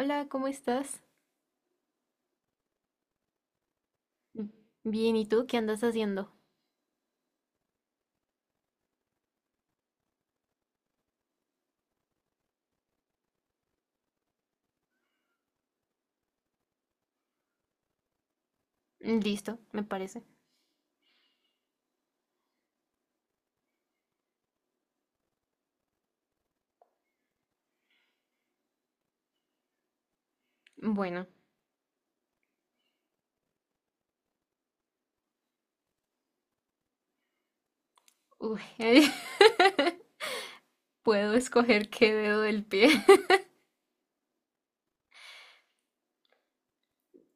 Hola, ¿cómo estás? Mm, Bien, ¿y tú qué andas haciendo? Listo, me parece. Bueno, uy, puedo escoger qué dedo del pie.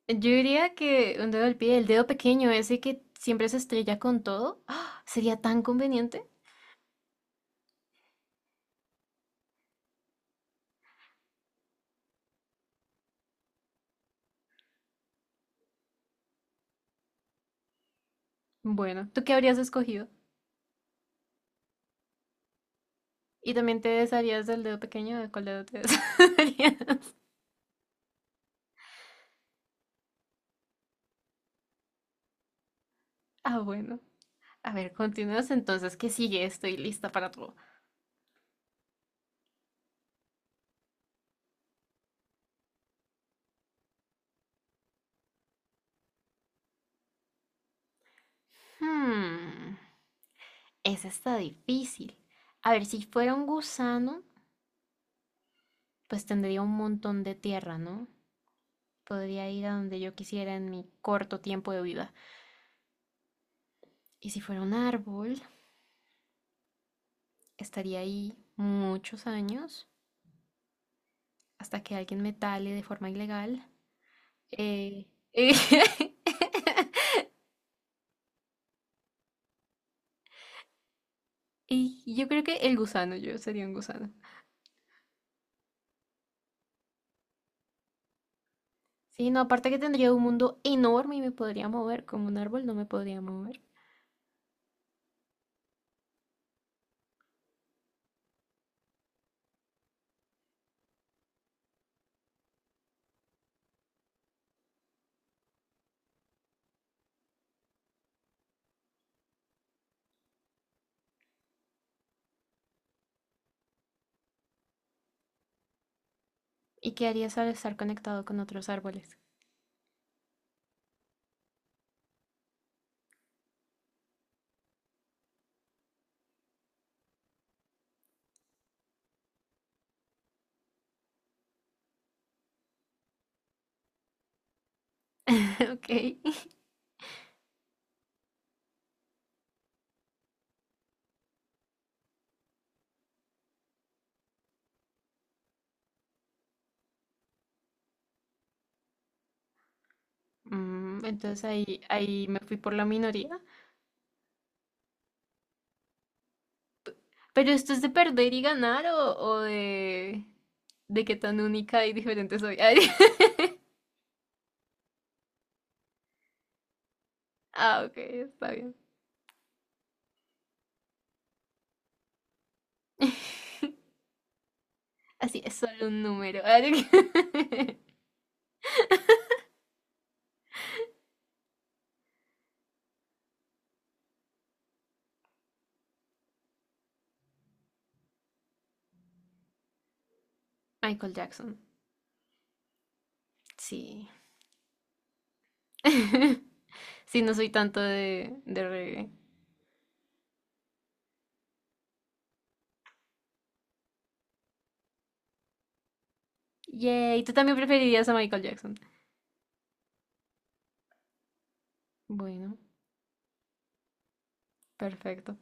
Yo diría que un dedo del pie, el dedo pequeño, ese que siempre se estrella con todo, ¡ah! Sería tan conveniente. Bueno, ¿tú qué habrías escogido? ¿Y también te desharías del dedo pequeño? ¿De cuál dedo te desharías? Ah, bueno. A ver, continúas entonces. ¿Qué sigue? Estoy lista para todo. Hmm, esa está difícil. A ver, si fuera un gusano. Pues tendría un montón de tierra, ¿no? Podría ir a donde yo quisiera en mi corto tiempo de vida. Y si fuera un árbol, estaría ahí muchos años hasta que alguien me tale de forma ilegal. Eh, eh, y yo creo que el gusano, yo sería un gusano. Sí, no, aparte que tendría un mundo enorme y me podría mover, como un árbol no me podría mover. ¿Y qué harías al estar conectado con otros árboles? Ok. Entonces ahí me fui por la minoría. Pero esto es de perder y ganar o de, qué tan única y diferente soy. Ah, ok, está bien. Así es solo un número. Michael Jackson. Sí. Sí, no soy tanto de reggae. Yay, ¿tú también preferirías a Michael Jackson? Bueno, perfecto.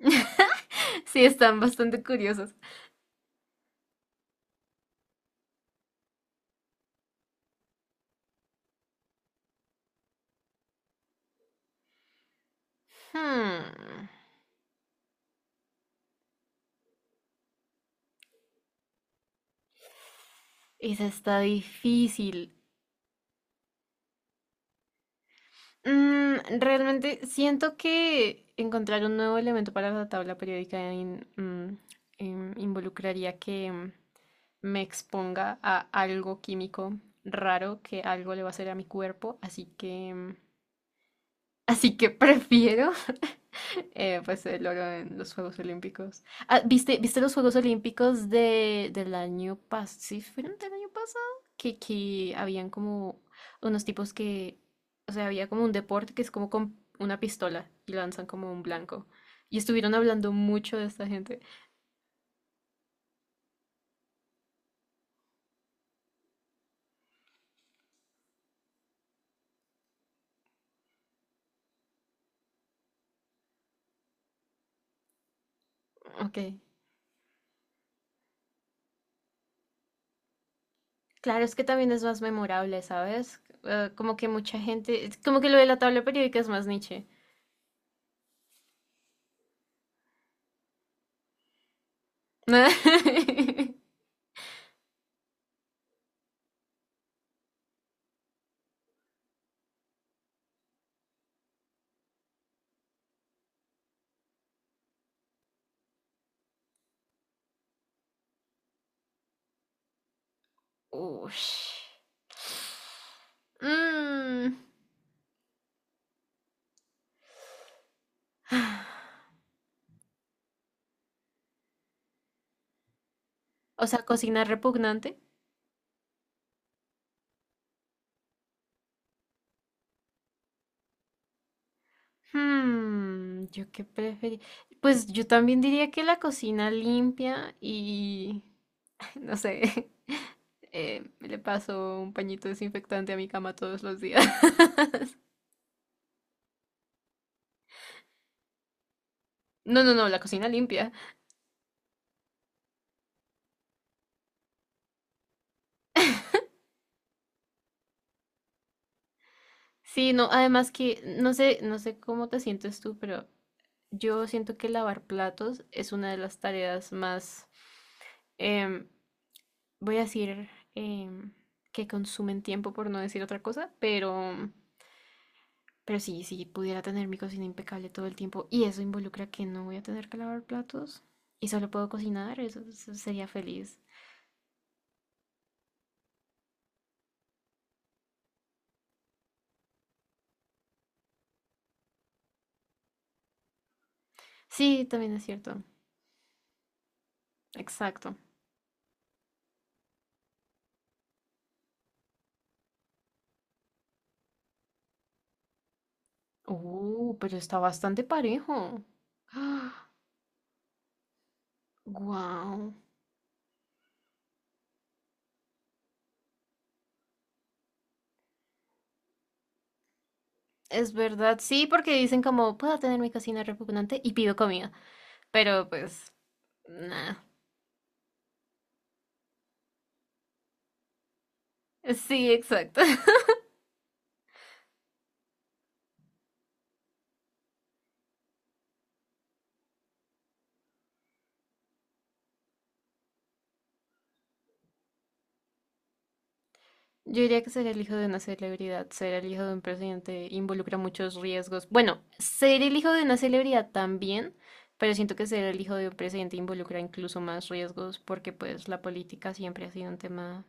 Sí, están bastante curiosos. Hmm, esa está difícil. Realmente siento que encontrar un nuevo elemento para la tabla periódica involucraría que me exponga a algo químico raro que algo le va a hacer a mi cuerpo, así que prefiero pues el oro en los Juegos Olímpicos. Ah, ¿viste los Juegos Olímpicos del año pasado? ¿Sí fueron del año pasado? Que habían como unos tipos que, o sea, había como un deporte que es como con una pistola y lanzan como un blanco. Y estuvieron hablando mucho de esta gente. Ok. Claro, es que también es más memorable, ¿sabes? Como que mucha gente, es como que lo de la tabla periódica es más niche. Ush. Mm. O sea, cocina repugnante. Yo qué preferí. Pues yo también diría que la cocina limpia y no sé, le paso un pañito desinfectante a mi cama todos los días. No, no, no, la cocina limpia. Sí, no, además que no sé, no sé cómo te sientes tú, pero yo siento que lavar platos es una de las tareas más em, voy a decir em, que consumen tiempo por no decir otra cosa, pero sí, si pudiera tener mi cocina impecable todo el tiempo y eso involucra que no voy a tener que lavar platos y solo puedo cocinar, eso sería feliz. Sí, también es cierto. Exacto. Pero está bastante parejo. Wow. Es verdad, sí, porque dicen como puedo tener mi cocina repugnante y pido comida, pero pues, nada. Sí, exacto. Yo diría que ser el hijo de una celebridad, ser el hijo de un presidente involucra muchos riesgos. Bueno, ser el hijo de una celebridad también, pero siento que ser el hijo de un presidente involucra incluso más riesgos porque pues la política siempre ha sido un tema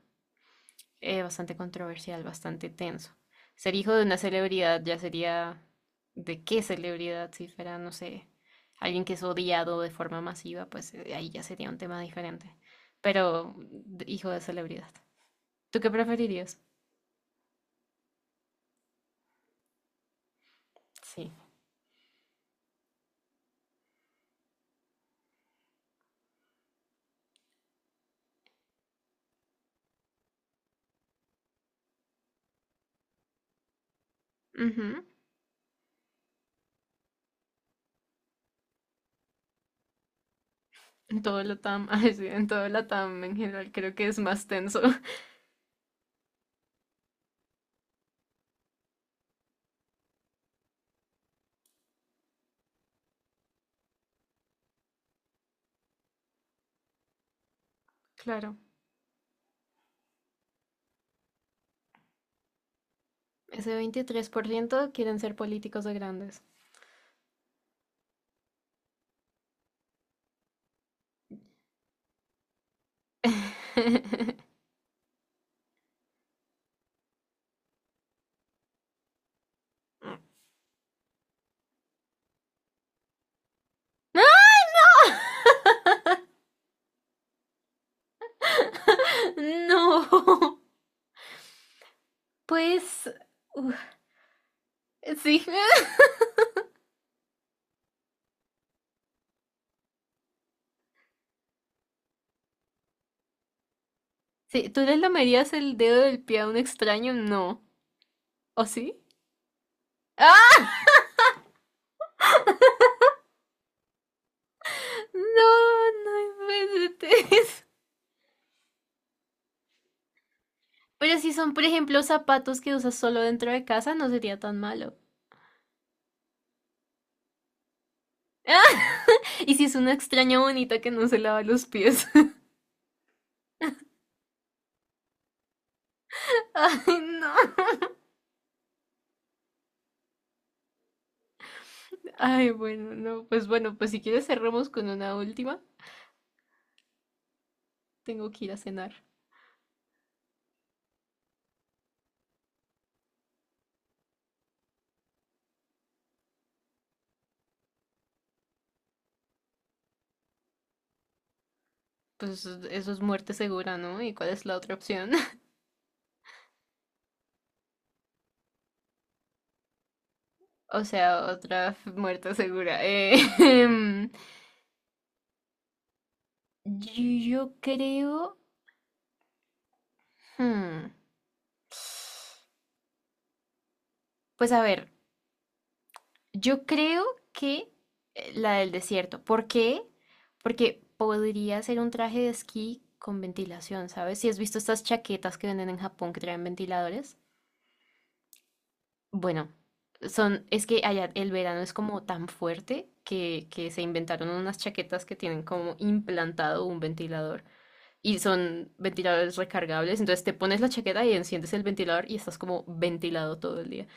bastante controversial, bastante tenso. Ser hijo de una celebridad ya sería, ¿de qué celebridad? Si fuera, no sé, alguien que es odiado de forma masiva, pues ahí ya sería un tema diferente. Pero hijo de celebridad. ¿Tú qué preferirías? Sí. Ujú. En todo Latam, ay, sí, en todo Latam en general creo que es más tenso. Claro, ese 23% quieren ser políticos de grandes. No, pues uf, sí. Sí, ¿tú le lamerías el dedo del pie a un extraño? No. ¿O sí? ¡Ah! No, no inventes. Pero si son, por ejemplo, zapatos que usas solo dentro de casa, no sería tan malo. Y si es una extraña bonita que no se lava los pies. Ay, no. Ay, bueno, no, pues bueno, pues si quieres cerramos con una última. Tengo que ir a cenar. Pues eso es muerte segura, ¿no? ¿Y cuál es la otra opción? O sea, otra muerte segura. Yo creo... hmm, Pues a ver, yo creo que la del desierto. ¿Por qué? Porque podría ser un traje de esquí con ventilación, ¿sabes? Si has visto estas chaquetas que venden en Japón que traen ventiladores. Bueno, es que allá el verano es como tan fuerte que se inventaron unas chaquetas que tienen como implantado un ventilador y son ventiladores recargables. Entonces te pones la chaqueta y enciendes el ventilador y estás como ventilado todo el día.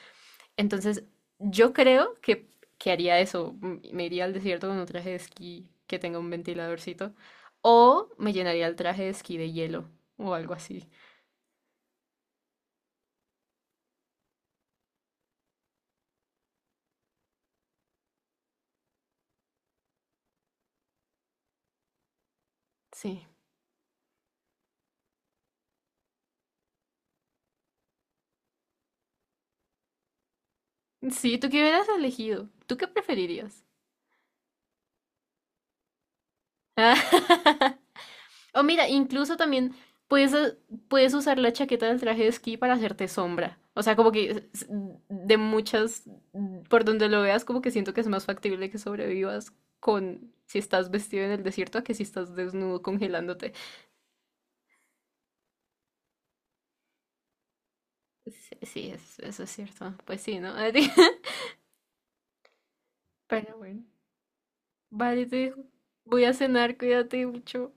Entonces yo creo que haría eso. Me iría al desierto con un traje de esquí que tenga un ventiladorcito o me llenaría el traje de esquí de hielo o algo así. Sí. Sí, ¿tú qué hubieras elegido? ¿Tú qué preferirías? O mira, incluso también puedes, eh, puedes usar la chaqueta del traje de esquí para hacerte sombra. O sea, como que de muchas, por donde lo veas, como que siento que es más factible que sobrevivas con si estás vestido en el desierto a que si estás desnudo congelándote. Sí, sí, eso es cierto. Pues sí, ¿no? Pero bueno. Vale, te dejo. Voy a cenar, cuídate mucho.